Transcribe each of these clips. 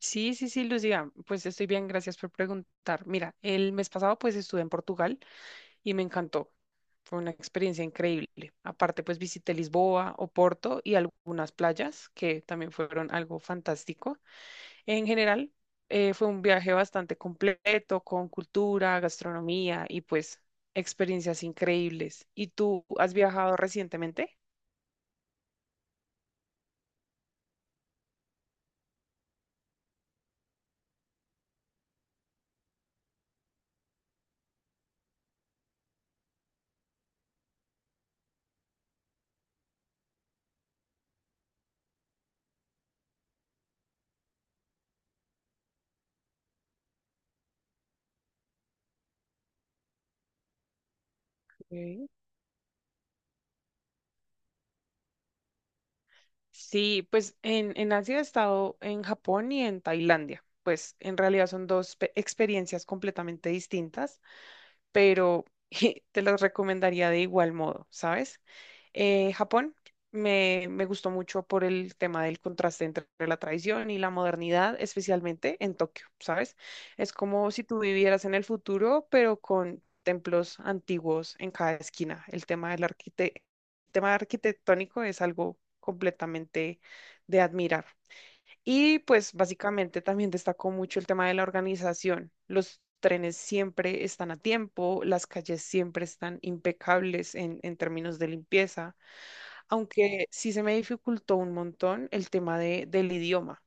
Sí, sí, sí, Lucía, pues estoy bien, gracias por preguntar. Mira, el mes pasado pues estuve en Portugal y me encantó. Fue una experiencia increíble. Aparte pues visité Lisboa, Oporto y algunas playas que también fueron algo fantástico. En general, fue un viaje bastante completo con cultura, gastronomía y pues experiencias increíbles. ¿Y tú has viajado recientemente? Ok. Sí, pues en Asia he estado en Japón y en Tailandia. Pues en realidad son dos experiencias completamente distintas, pero te los recomendaría de igual modo, ¿sabes? Japón me gustó mucho por el tema del contraste entre la tradición y la modernidad, especialmente en Tokio, ¿sabes? Es como si tú vivieras en el futuro, pero con templos antiguos en cada esquina. El tema arquitectónico es algo completamente de admirar. Y pues básicamente también destacó mucho el tema de la organización. Los trenes siempre están a tiempo, las calles siempre están impecables en términos de limpieza, aunque sí se me dificultó un montón el tema del idioma.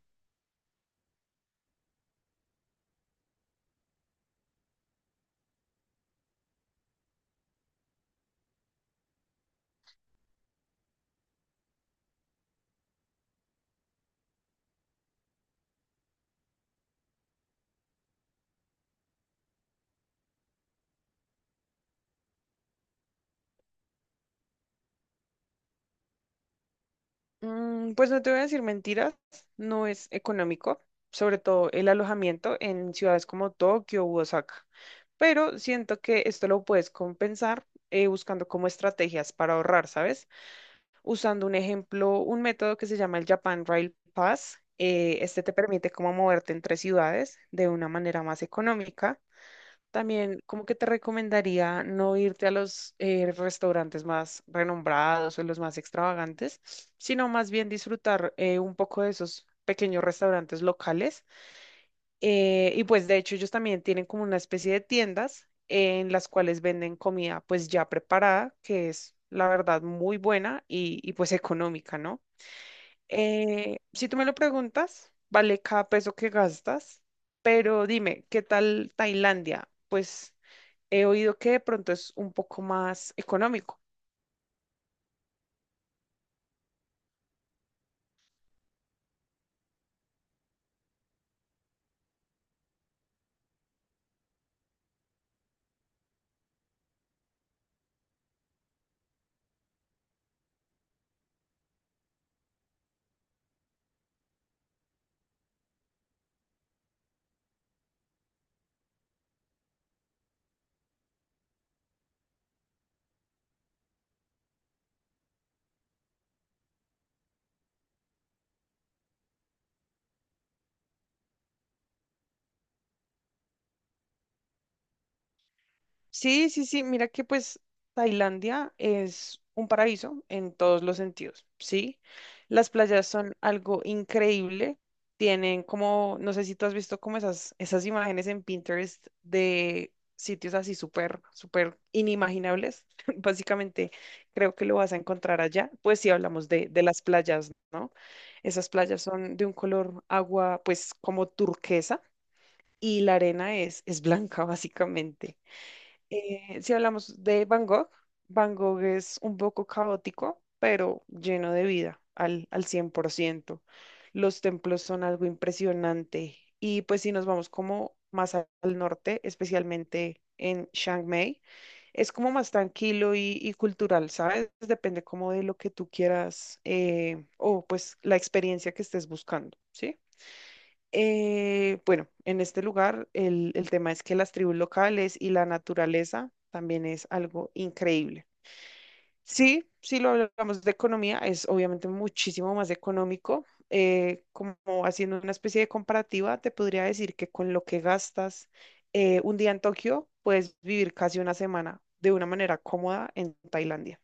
Pues no te voy a decir mentiras, no es económico, sobre todo el alojamiento en ciudades como Tokio u Osaka, pero siento que esto lo puedes compensar buscando como estrategias para ahorrar, ¿sabes? Usando un ejemplo, un método que se llama el Japan Rail Pass. Este te permite como moverte entre ciudades de una manera más económica. También como que te recomendaría no irte a los restaurantes más renombrados o los más extravagantes, sino más bien disfrutar un poco de esos pequeños restaurantes locales, y pues de hecho ellos también tienen como una especie de tiendas en las cuales venden comida pues ya preparada, que es la verdad muy buena pues económica, ¿no? Si tú me lo preguntas, vale cada peso que gastas, pero dime, ¿qué tal Tailandia? Pues he oído que de pronto es un poco más económico. Sí, sí, sí, mira que pues Tailandia es un paraíso en todos los sentidos, ¿sí? Las playas son algo increíble, tienen como, no sé si tú has visto como esas imágenes en Pinterest de sitios así súper, súper inimaginables, básicamente creo que lo vas a encontrar allá, pues si hablamos de las playas, ¿no? Esas playas son de un color agua pues como turquesa y la arena es blanca básicamente. Si hablamos de Van Gogh, Van Gogh es un poco caótico, pero lleno de vida al 100%. Los templos son algo impresionante. Y pues si nos vamos como más al norte, especialmente en Chiang Mai, es como más tranquilo y cultural, ¿sabes? Depende como de lo que tú quieras, o pues la experiencia que estés buscando, ¿sí? Bueno, en este lugar el tema es que las tribus locales y la naturaleza también es algo increíble. Sí, si lo hablamos de economía, es obviamente muchísimo más económico. Como haciendo una especie de comparativa, te podría decir que con lo que gastas un día en Tokio, puedes vivir casi una semana de una manera cómoda en Tailandia.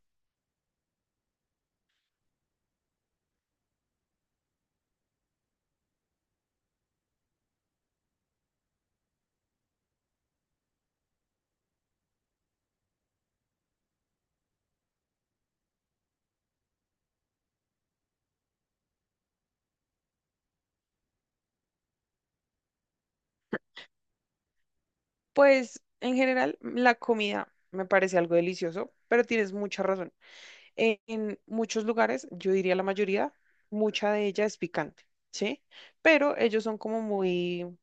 Pues en general, la comida me parece algo delicioso, pero tienes mucha razón. En muchos lugares, yo diría la mayoría, mucha de ella es picante, ¿sí? Pero ellos son como muy,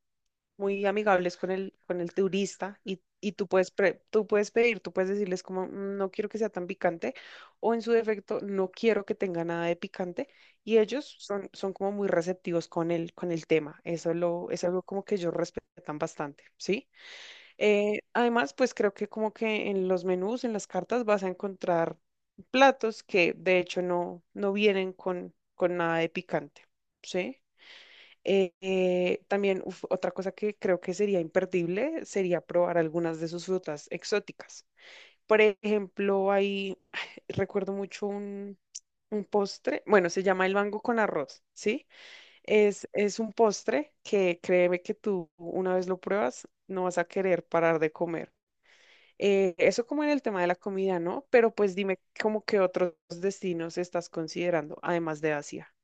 muy amigables con con el turista, y tú puedes, tú puedes pedir, tú puedes decirles como: no quiero que sea tan picante, o en su defecto, no quiero que tenga nada de picante". Y ellos son, son como muy receptivos con con el tema. Eso es algo como que ellos respetan bastante, ¿sí? Además, pues creo que como que en los menús, en las cartas, vas a encontrar platos que de hecho no vienen con nada de picante, ¿sí? También uf, otra cosa que creo que sería imperdible sería probar algunas de sus frutas exóticas. Por ejemplo, hay, recuerdo mucho un postre, bueno, se llama el mango con arroz, ¿sí? Es un postre que créeme que tú una vez lo pruebas, no vas a querer parar de comer. Eso como en el tema de la comida, ¿no? Pero pues dime, ¿cómo qué otros destinos estás considerando, además de Asia?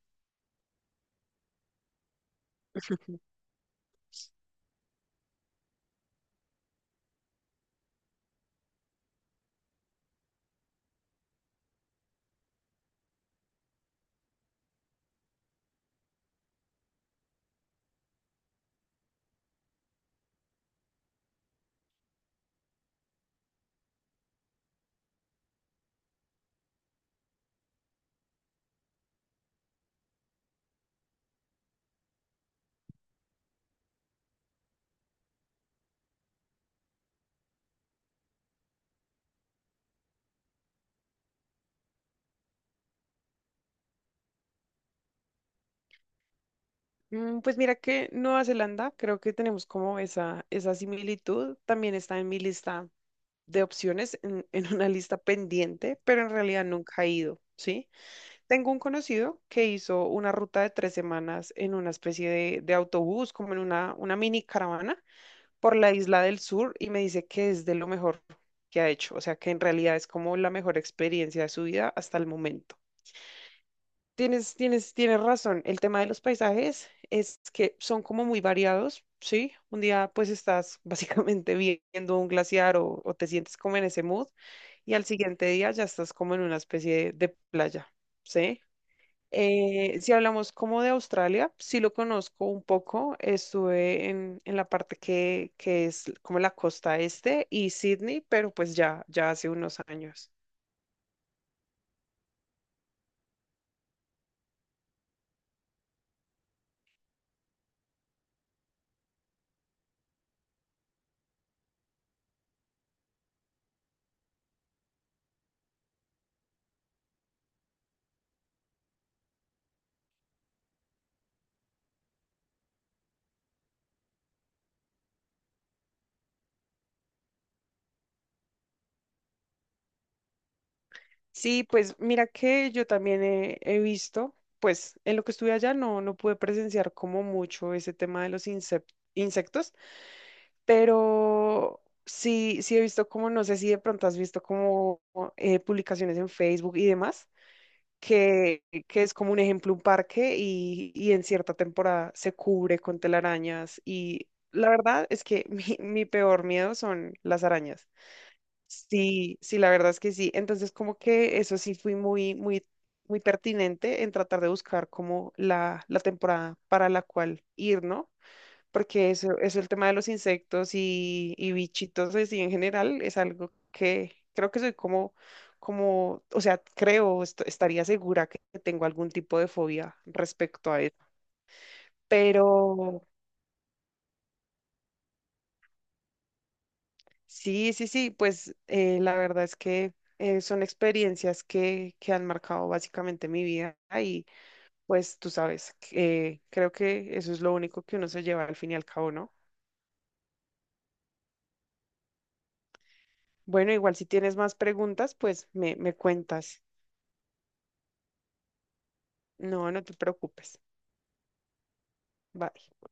Pues mira que Nueva Zelanda, creo que tenemos como esa similitud, también está en mi lista de opciones, en, en una lista pendiente, pero en realidad nunca he ido, ¿sí? Tengo un conocido que hizo una ruta de 3 semanas en una especie de autobús, como en una mini caravana por la isla del sur, y me dice que es de lo mejor que ha hecho, o sea que en realidad es como la mejor experiencia de su vida hasta el momento. Tienes razón, el tema de los paisajes es que son como muy variados, ¿sí? Un día pues estás básicamente viendo un glaciar, o te sientes como en ese mood, y al siguiente día ya estás como en una especie de playa, ¿sí? Si hablamos como de Australia, sí lo conozco un poco. Estuve en la parte que es como la costa este y Sydney, pero pues ya hace unos años. Sí, pues mira que yo también he visto, pues en lo que estuve allá no pude presenciar como mucho ese tema de los insectos, pero sí he visto como, no sé si de pronto has visto como publicaciones en Facebook y demás que es como un ejemplo, un parque, y en cierta temporada se cubre con telarañas, y la verdad es que mi peor miedo son las arañas. Sí, sí, la verdad es que sí. Entonces como que eso sí fui muy, muy, muy pertinente en tratar de buscar como la temporada para la cual ir, ¿no? Porque eso, el tema de los insectos y bichitos así en general es algo que creo que soy como, o sea, creo, estaría segura que tengo algún tipo de fobia respecto a eso. Pero sí, sí, sí, pues la verdad es que son experiencias que han marcado básicamente mi vida y pues tú sabes, creo que eso es lo único que uno se lleva al fin y al cabo, ¿no? Bueno, igual si tienes más preguntas, pues me cuentas. No, no te preocupes. Bye.